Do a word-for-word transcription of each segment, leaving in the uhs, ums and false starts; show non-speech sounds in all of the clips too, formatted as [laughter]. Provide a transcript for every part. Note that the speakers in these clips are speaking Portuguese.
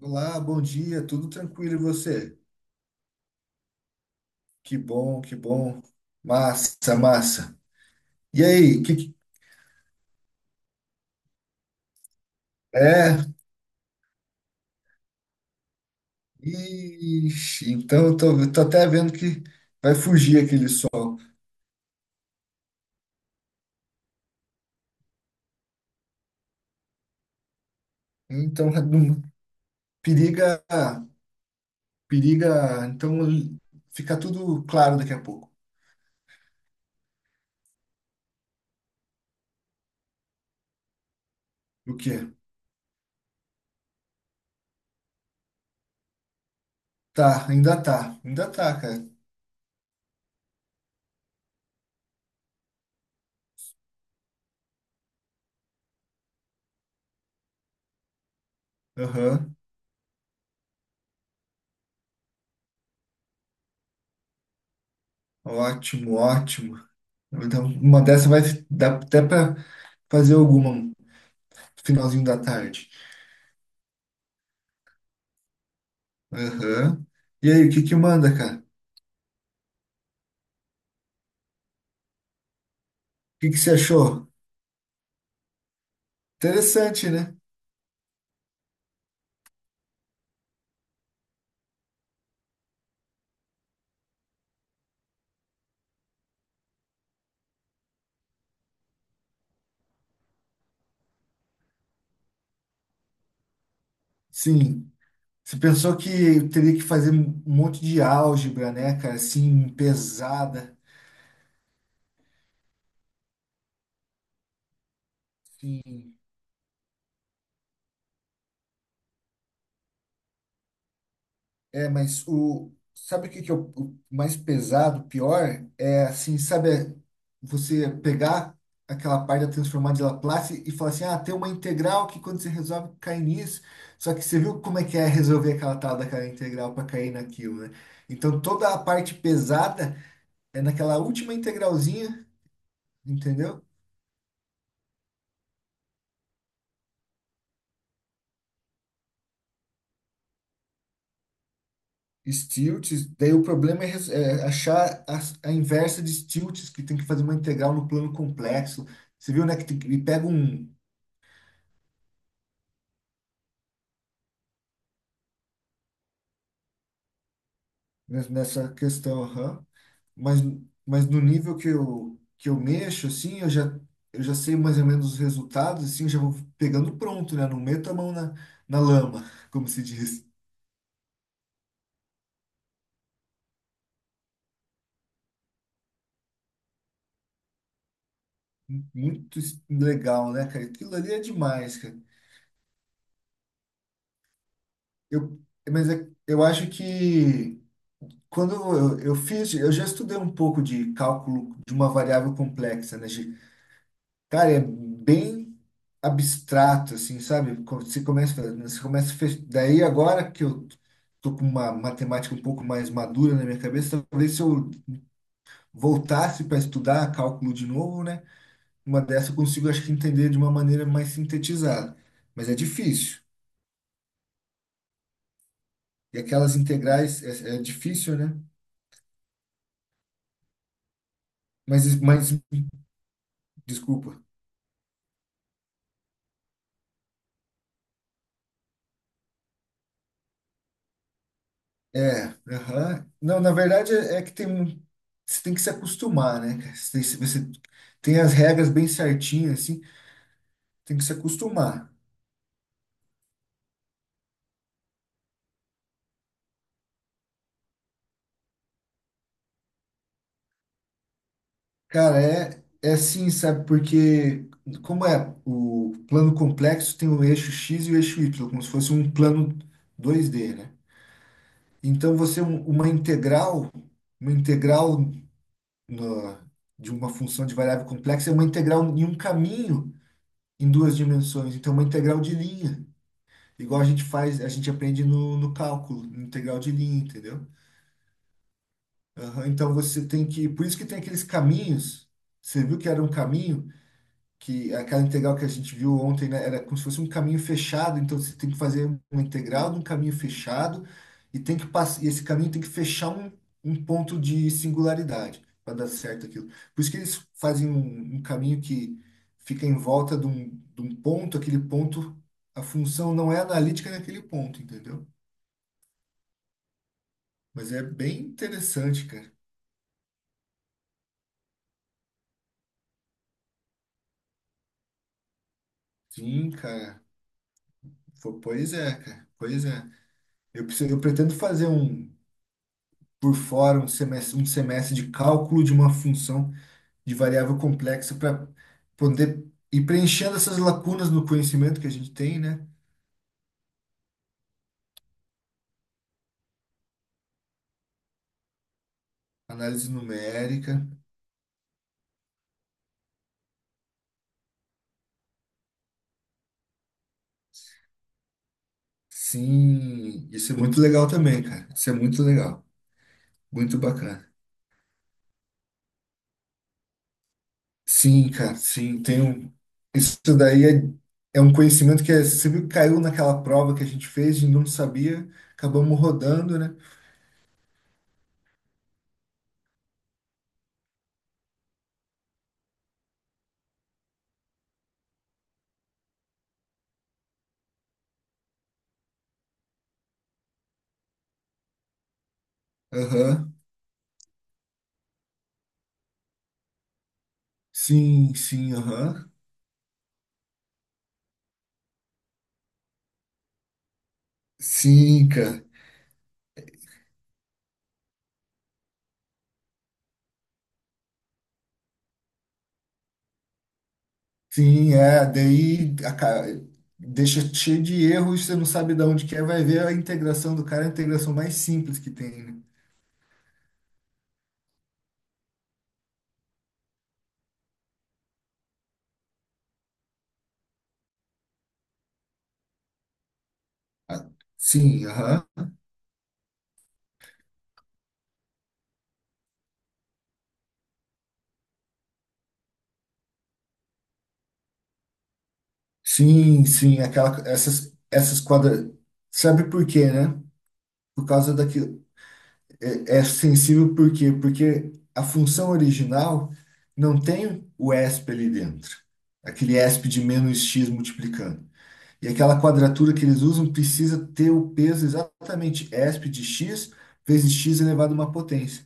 Olá, bom dia, tudo tranquilo e você? Que bom, que bom. Massa, massa. E aí, que que- é? Ixi, então eu tô, eu tô até vendo que vai fugir aquele sol. Então, [laughs] não- periga, periga, então fica tudo claro daqui a pouco. O quê? Tá, ainda tá, ainda tá, cara. Aham. Ótimo, ótimo. Então, uma dessa vai dar até pra fazer alguma no finalzinho da tarde. Aham. E aí, o que que manda, cara? O Que que você achou? Interessante, né? Sim. Você pensou que teria que fazer um monte de álgebra, né, cara? Assim, pesada. Sim. É, mas o. Sabe o que que é o o mais pesado, pior? É assim, sabe, é você pegar aquela parte da transformada de Laplace e falar assim, ah, tem uma integral que quando você resolve cai nisso. Só que você viu como é que é resolver aquela tal daquela integral para cair naquilo, né? Então toda a parte pesada é naquela última integralzinha, entendeu? Stilts, daí o problema é, res- é achar a, a inversa de Stilts, que tem que fazer uma integral no plano complexo. Você viu, né? Que tem que- e pega um, nes- nessa questão, aham. Mas, mas no nível que eu, que eu mexo, assim, eu já, eu já sei mais ou menos os resultados, assim, já vou pegando pronto, né? Não meto a mão na, na lama, [laughs] como se diz. Muito es- legal, né, cara? Aquilo ali é demais, cara. Eu, mas é- eu acho que quando eu, eu fiz, eu já estudei um pouco de cálculo de uma variável complexa, né? Cara, é bem abstrato, assim, sabe? Quando você começa, a fazer- né, você começa, a fech- daí agora que eu tô com uma matemática um pouco mais madura na minha cabeça, talvez se eu voltasse para estudar cálculo de novo, né? Uma dessa eu consigo, acho que entender de uma maneira mais sintetizada, mas é difícil. E aquelas integrais é, é difícil, né? Mas, mas desculpa. É, aham. Não, na verdade é que tem, um- você tem que se acostumar, né, cara? Você tem, você tem as regras bem certinhas, assim, tem que se acostumar. Cara, é, é assim, sabe? Porque como é o plano complexo, tem o eixo X e o eixo Y, como se fosse um plano dois D, né? Então você, um- uma integral, uma integral na- de uma função de variável complexa é uma integral em um caminho em duas dimensões, então uma integral de linha. Igual a gente faz, a gente aprende no, no cálculo, no integral de linha, entendeu? Aham, então você tem que. Por isso que tem aqueles caminhos. Você viu que era um caminho, que aquela integral que a gente viu ontem, né, era como se fosse um caminho fechado, então você tem que fazer uma integral de um caminho fechado e tem que passar, e esse caminho tem que fechar um, um ponto de singularidade para dar certo aquilo. Por isso que eles fazem um, um caminho que fica em volta de um, de um ponto, aquele ponto, a função não é analítica naquele ponto, entendeu? Mas é bem interessante, cara. Sim, cara. Fo- Pois é, cara. Pois é. Eu, preciso- eu pretendo fazer um, por fora, um semestre, um semestre de cálculo de uma função de variável complexa para poder ir preenchendo essas lacunas no conhecimento que a gente tem, né? Análise numérica. Sim, isso é muito legal também, cara. Isso é muito legal. Muito bacana. Sim, cara, sim, tem um... Isso daí é, é um conhecimento que é, sempre caiu naquela prova que a gente fez e não sabia, acabamos rodando, né? Aham. Sim, sim, aham. Sim, cara, sim, é, daí a ca- deixa cheio de erros, você não sabe de onde que é, vai ver a integração do cara, é a integração mais simples que tem, né? Ah. Sim, aham. Sim, sim, aquela, essas, essas quadras, sabe por quê, né? Por causa daquilo é, é sensível por quê? Porque a função original não tem o E S P ali dentro, aquele E S P de menos x multiplicando. E aquela quadratura que eles usam precisa ter o peso exatamente E S P de x vezes x elevado a uma potência.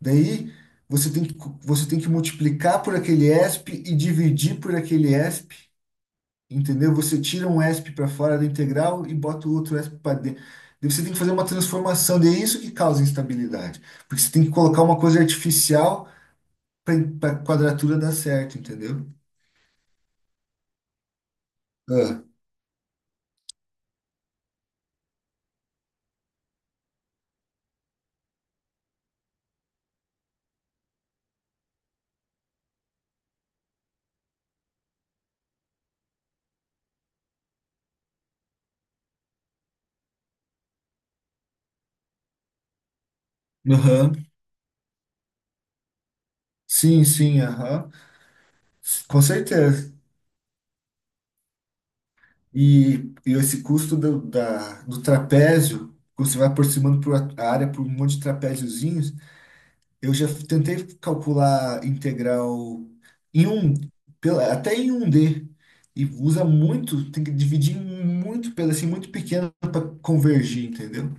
Daí você tem que, você tem que multiplicar por aquele E S P e dividir por aquele E S P. Entendeu? Você tira um E S P para fora da integral e bota o outro E S P para dentro. Daí você tem que fazer uma transformação, e é isso que causa instabilidade. Porque você tem que colocar uma coisa artificial para a quadratura dar certo, entendeu? Ah. Aham. Sim, sim, aham. S- Com certeza. E, e esse custo do, da, do trapézio, quando você vai aproximando por a a área por um monte de trapéziozinhos, eu já tentei calcular integral em um, pela- até em um D, e usa muito, tem que dividir em muito, pelo assim, muito pequeno para convergir, entendeu?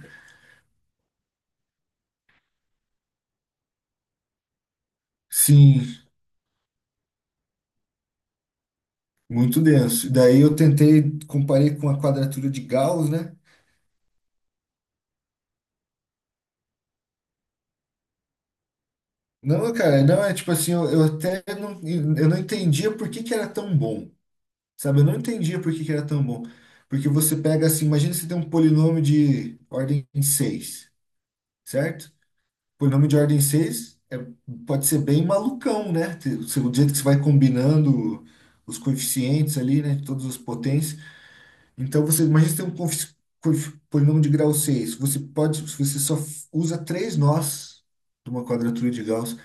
Sim, muito denso. E daí eu tentei, comparei com a quadratura de Gauss, né? Não, cara, não é tipo assim, eu, eu até não, eu não entendia por que que era tão bom, sabe? Eu não entendia por que que era tão bom. Porque você pega assim, imagina você tem um polinômio de ordem seis, certo? Por nome de ordem seis é, pode ser bem malucão, né? Te- O jeito que você vai combinando os coeficientes ali, né? Todas as potências. Então, você imagina você tem um confi- confi- polinômio de grau seis. Você pode, você só f- usa três nós de uma quadratura de Gauss,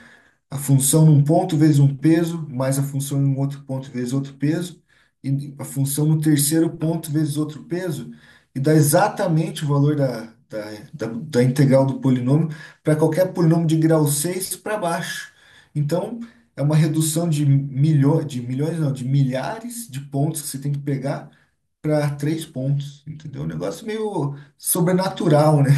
a função num ponto vezes um peso, mais a função em um outro ponto vezes outro peso, e a função no terceiro ponto vezes outro peso, e dá exatamente o valor da, da, da, da integral do polinômio para qualquer polinômio de grau seis para baixo. Então, é uma redução de milhões, de milhões não, de milhares de pontos que você tem que pegar para três pontos, entendeu? Um negócio meio sobrenatural, né?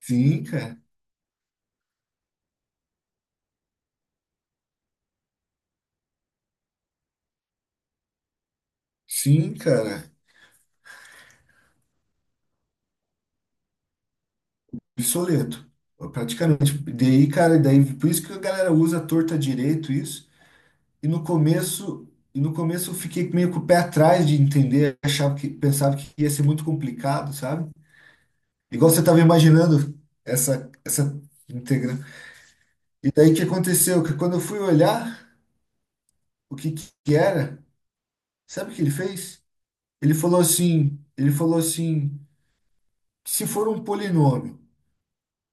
Sim, cara. Sim, cara. Obsoleto, praticamente. Daí, cara, daí, por isso que a galera usa torta direito isso. E no começo, e no começo eu fiquei meio com o pé atrás de entender, achava que pensava que ia ser muito complicado, sabe? Igual você estava imaginando essa essa integra. E daí o que aconteceu? Que quando eu fui olhar o que que era, sabe o que ele fez? Ele falou assim, ele falou assim, se for um polinômio.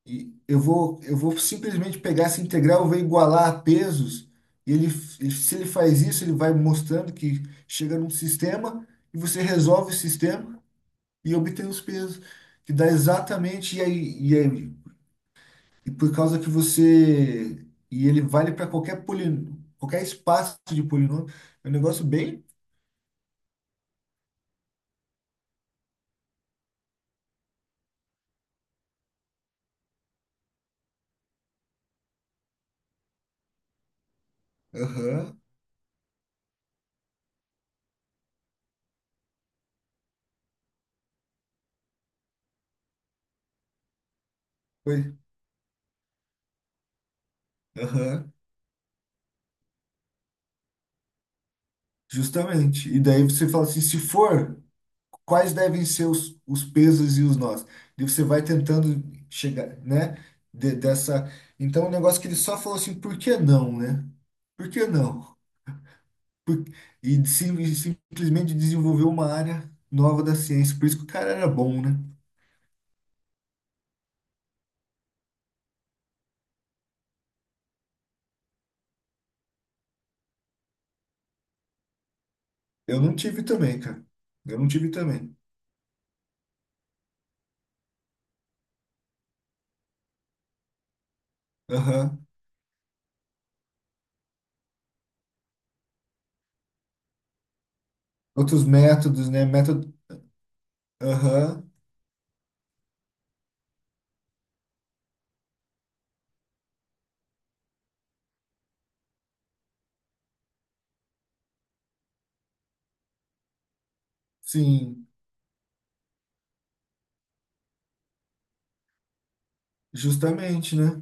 E eu vou, eu vou simplesmente pegar essa integral, eu vou igualar a pesos. E ele, ele- se ele faz isso, ele vai mostrando que chega num sistema e você resolve o sistema e obtém os pesos, que dá exatamente. E aí, e aí, e por causa que você. E ele vale para qualquer polino, qualquer espaço de polinômio. É um negócio bem. Aham. Foi. Aham. Justamente. E daí você fala assim: se for, quais devem ser os, os pesos e os nós. E você vai tentando chegar, né? de- dessa. Então, o negócio que ele só falou assim, por que não, né? Por que não? Por- E sim- e simplesmente desenvolveu uma área nova da ciência. Por isso que o cara era bom, né? Eu não tive também, cara. Eu não tive também. Aham. Outros métodos, né? Método. Aham. Sim. Justamente, né?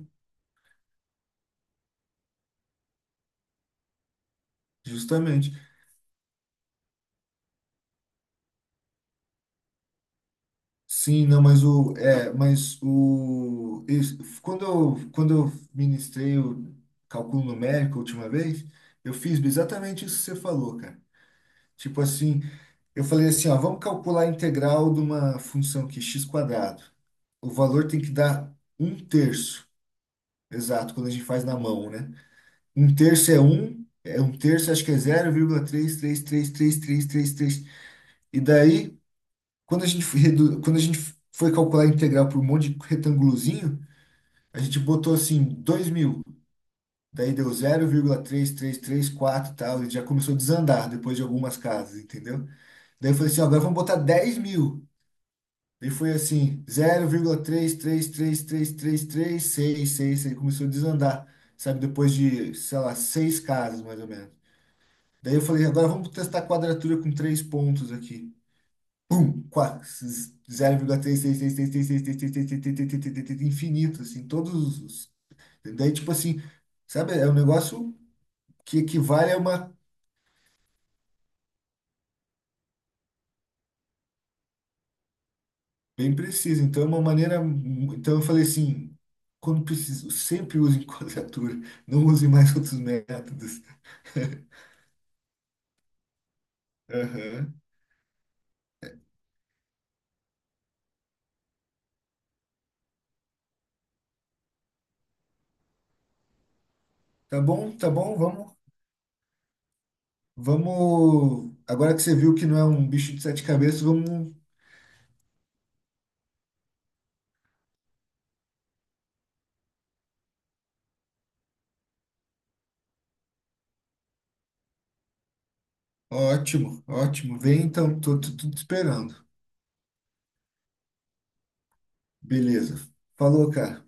Justamente. Sim, não, mas o é, mas o isso, quando eu, quando eu ministrei o cálculo numérico a última vez, eu fiz exatamente isso que você falou, cara. Tipo assim, eu falei assim, ó, vamos calcular a integral de uma função que é x quadrado. O valor tem que dar um terço, exato, quando a gente faz na mão, né? Um terço é um, é um terço, acho que é zero vírgula três três três três três três três. E daí quando a gente, foi redu- quando a gente foi calcular a integral por um monte de retângulozinho, a gente botou assim dois mil, daí deu zero vírgula três três três quatro e tal, e já começou a desandar depois de algumas casas, entendeu? Daí eu falei assim, ó, agora vamos botar dez mil. Daí foi assim, zero vírgula três três três três três três seis seis, aí começou a desandar, sabe? Depois de, sei lá, seis casas mais ou menos. Daí eu falei, agora vamos testar a quadratura com três pontos aqui. Infinito, assim, todos os. Daí, tipo assim, sabe, é um negócio que equivale a uma bem precisa. Então, é uma maneira. Então, eu falei assim, quando preciso, sempre usem [laughs] quadratura, não usem mais outros métodos. [laughs] Aham. Tá bom, tá bom, vamos, vamos. Agora que você viu que não é um bicho de sete cabeças, vamos. Ótimo, ótimo. Vem então, tô, tô, tô te esperando. Beleza. Falou, cara.